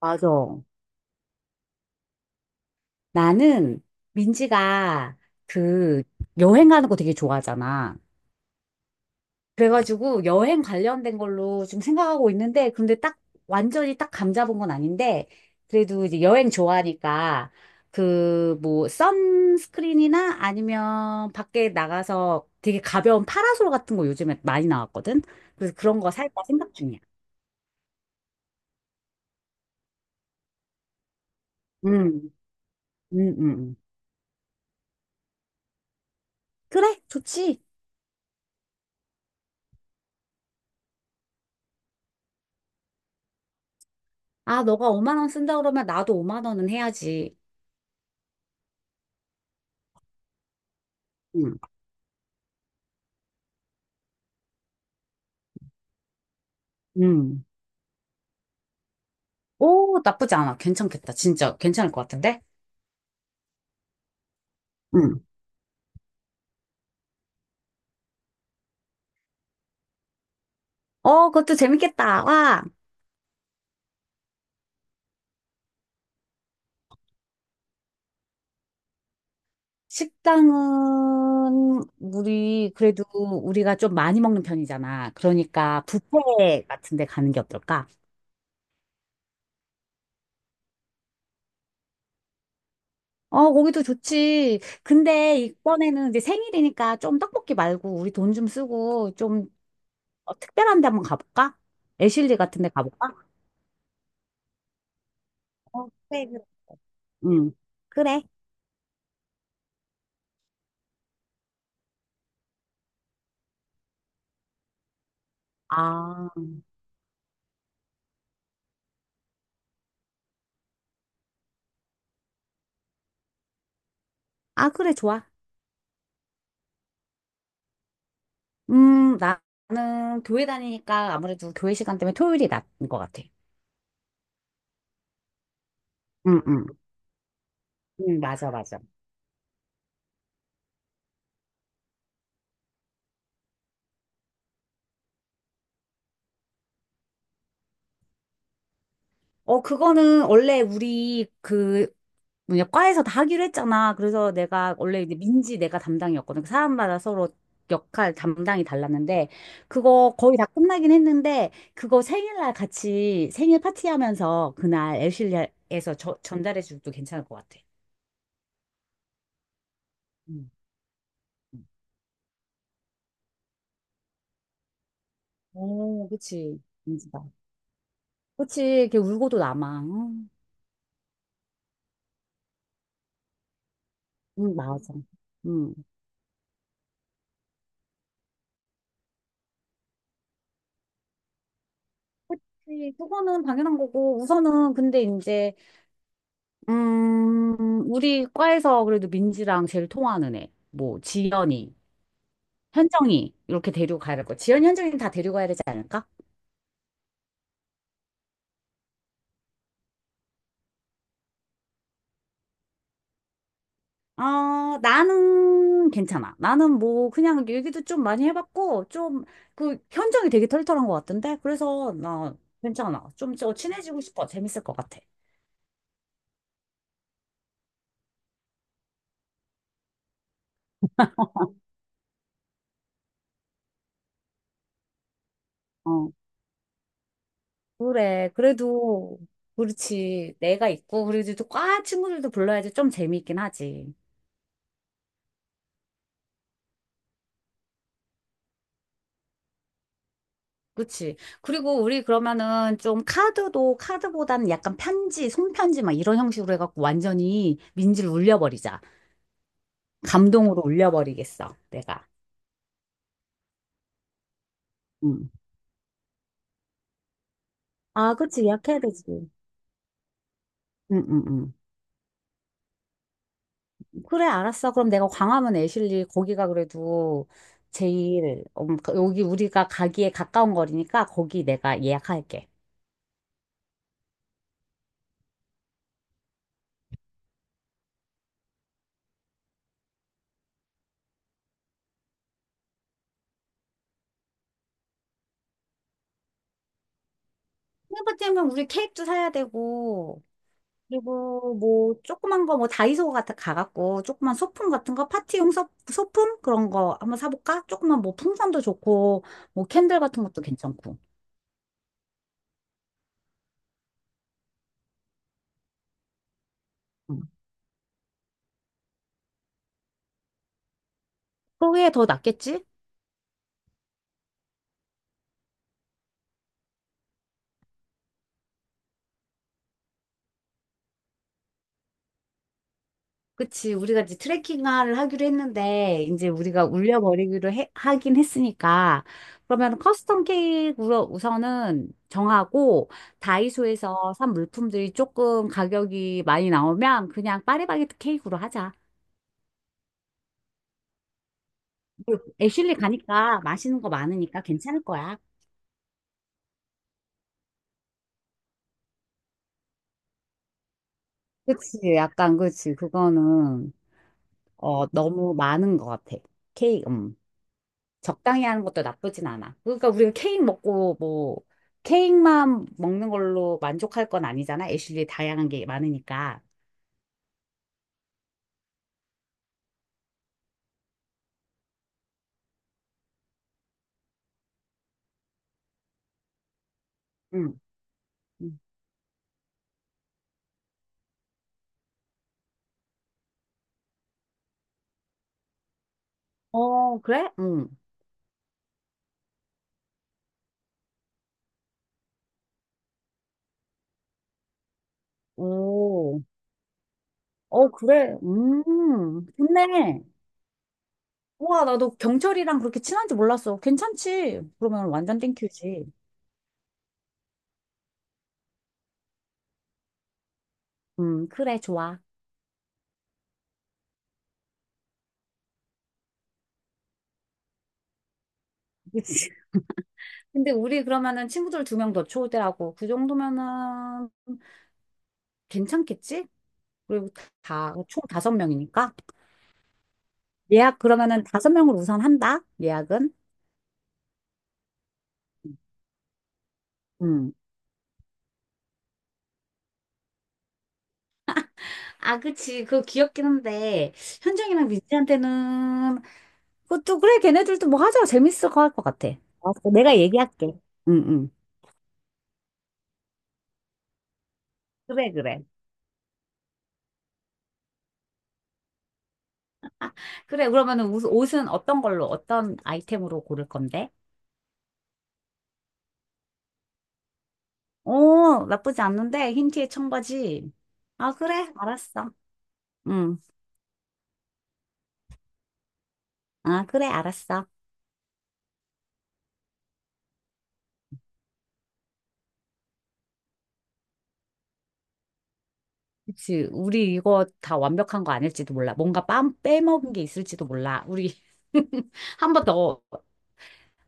맞아. 나는 민지가 그 여행 가는 거 되게 좋아하잖아. 그래가지고 여행 관련된 걸로 좀 생각하고 있는데, 근데 딱 완전히 딱 감 잡은 건 아닌데, 그래도 이제 여행 좋아하니까 그 뭐 선스크린이나 아니면 밖에 나가서 되게 가벼운 파라솔 같은 거 요즘에 많이 나왔거든. 그래서 그런 거 살까 생각 중이야. 음, 음, 음. 음. 그래, 좋지. 아, 너가 5만 원 쓴다 그러면 나도 5만 원은 해야지. 음. 음, 오, 나쁘지 않아. 괜찮겠다. 진짜 괜찮을 것 같은데? 음. 어, 그것도 재밌겠다. 와. 식당은 우리 그래도 우리가 좀 많이 먹는 편이잖아. 그러니까 뷔페 같은 데 가는 게 어떨까? 어, 거기도 좋지. 근데 이번에는 이제 생일이니까 좀 떡볶이 말고 우리 돈 좀 쓰고 좀 어, 특별한 데 한번 가볼까? 애슐리 같은 데 가볼까? 어, 그래, 그래. 응. 그래. 아, 아, 그래, 좋아. 나는 교회 다니니까 아무래도 교회 시간 때문에 토요일이 낫는 것 같아. 응, 응. 응, 맞아, 맞아. 어, 그거는 원래 우리 그, 뭐냐, 과에서 다 하기로 했잖아. 그래서 내가 원래 이제 민지 내가 담당이었거든. 그 사람마다 서로 역할 담당이 달랐는데, 그거 거의 다 끝나긴 했는데, 그거 생일날 같이 생일 파티하면서 그날 엘실리아에서 전달해줘도 괜찮을 것 같아. 응. 응. 오, 그치. 민지가. 그치. 걔 울고도 남아. 응. 맞아. 음, 네, 그거는 당연한 거고, 우선은 근데 이제, 우리 과에서 그래도 민지랑 제일 통하는 애, 뭐, 지연이, 현정이, 이렇게 데리고 가야 될 거야. 지연, 현정이 다 데리고 가야 되지 않을까? 어, 나는 괜찮아. 나는 뭐, 그냥 얘기도 좀 많이 해봤고, 좀, 그, 현정이 되게 털털한 것 같은데? 그래서 나 괜찮아. 좀 더 친해지고 싶어. 재밌을 것 같아. 그래. 그래도, 그렇지. 내가 있고, 그래도 또과 친구들도 불러야지 좀 재미있긴 하지. 그치. 그리고 우리 그러면은 좀 카드도, 카드보다는 약간 편지, 손편지 막 이런 형식으로 해갖고 완전히 민지를 울려버리자. 감동으로 울려버리겠어. 내가. 응. 아, 그치. 예약해야 되지. 응, 응, 응. 그래, 알았어. 그럼 내가 광화문 애슐리 거기가 그래도 제일, 여기 우리가 가기에 가까운 거리니까 거기 내가 예약할게. 생일 파티하면 우리 케이크도 사야 되고, 그리고 뭐, 조그만 거, 뭐, 다이소 같은 거 가갖고, 조그만 소품 같은 거, 파티용 소품? 그런 거 한번 사볼까? 조그만 뭐, 풍선도 좋고, 뭐, 캔들 같은 것도 괜찮고. 응. 그게 더 낫겠지? 그치. 우리가 이제 트레킹을 하기로 했는데, 이제 우리가 울려버리기로 하긴 했으니까, 그러면 커스텀 케이크로 우선은 정하고, 다이소에서 산 물품들이 조금 가격이 많이 나오면, 그냥 파리바게트 케이크로 하자. 그리고 애슐리 가니까 맛있는 거 많으니까 괜찮을 거야. 그치. 약간, 그치. 그거는, 어, 너무 많은 것 같아. 케이크, 적당히 하는 것도 나쁘진 않아. 그러니까 우리가 케이크 먹고 뭐 케이크만 먹는 걸로 만족할 건 아니잖아. 애슐리 다양한 게 많으니까. 응. 응. 어, 그래? 응. 오. 어, 그래. 음. 좋네. 우와, 나도 경철이랑 그렇게 친한지 몰랐어. 괜찮지? 그러면 완전 땡큐지. 그래, 좋아. 그치. 근데 우리 그러면은 친구들 두 명 더 초대하고 그 정도면은 괜찮겠지? 그리고 다 총 다섯 명이니까. 예약 그러면은 다섯 명을 우선 한다? 예약은? 음. 아, 그치. 그거 귀엽긴 한데, 현정이랑 민지한테는, 그것도, 그래, 걔네들도 뭐 하자. 재밌을 거 할 것 같아. 알았어, 내가 얘기할게. 응, 응. 그래, 그래. 그래, 그러면은 옷은 어떤 걸로, 어떤 아이템으로 고를 건데? 오, 나쁘지 않는데, 흰 티에 청바지. 아, 그래, 알았어. 응. 아, 그래, 알았어. 그치. 우리 이거 다 완벽한 거 아닐지도 몰라. 뭔가 빼먹은 게 있을지도 몰라. 우리 한 번 더,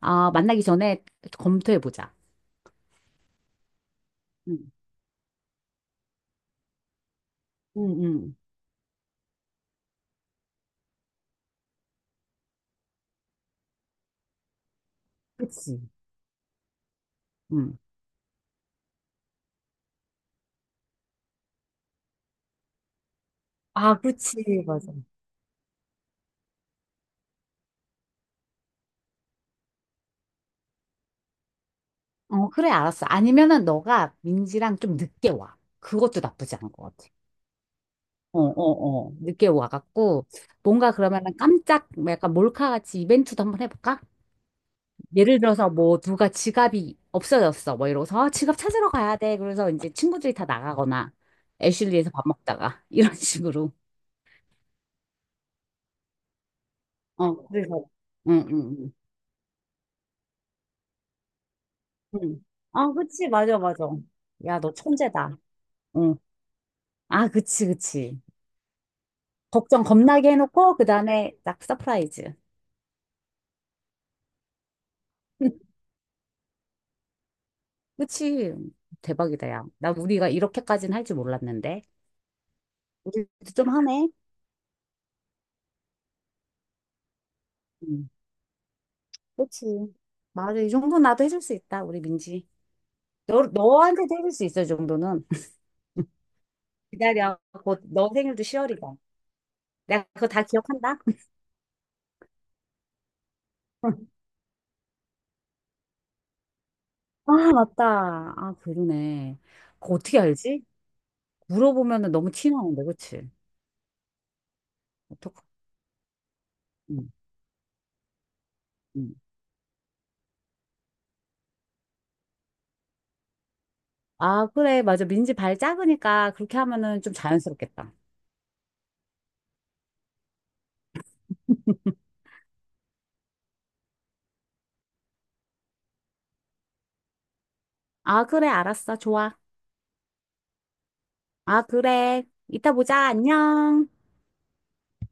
아, 만나기 전에 검토해보자. 응, 응, 응. 그치. 응. 아, 그치, 맞아. 어, 그래, 알았어. 아니면은 너가 민지랑 좀 늦게 와. 그것도 나쁘지 않은 것 같아. 어, 어, 어. 늦게 와갖고, 뭔가 그러면은 깜짝, 뭐 약간 몰카같이 이벤트도 한번 해볼까? 예를 들어서 뭐 누가 지갑이 없어졌어. 뭐 이러고서 아, 지갑 찾으러 가야 돼. 그래서 이제 친구들이 다 나가거나 애슐리에서 밥 먹다가 이런 식으로. 어, 그래서. 응, 응, 응. 응. 아, 그치. 맞아, 맞아. 야, 너 천재다. 응. 아, 그치, 그치. 걱정 겁나게 해놓고 그다음에 딱 서프라이즈. 그치. 대박이다, 야. 나 우리가 이렇게까지는 할 줄 몰랐는데. 우리도 좀 하네. 응. 그치. 맞아. 이 정도 나도 해줄 수 있다, 우리 민지. 너, 너한테도 해줄 수 있어, 정도는. 기다려. 곧 너 생일도 10월이다. 내가 그거 다 기억한다. 아, 맞다. 아, 그러네. 그거 어떻게 알지? 물어보면 너무 티나는데, 그치? 어떡, 응, 응. 아, 그래. 맞아. 민지 발 작으니까 그렇게 하면은 좀 자연스럽겠다. 아, 그래. 알았어. 좋아. 아, 그래. 이따 보자. 안녕.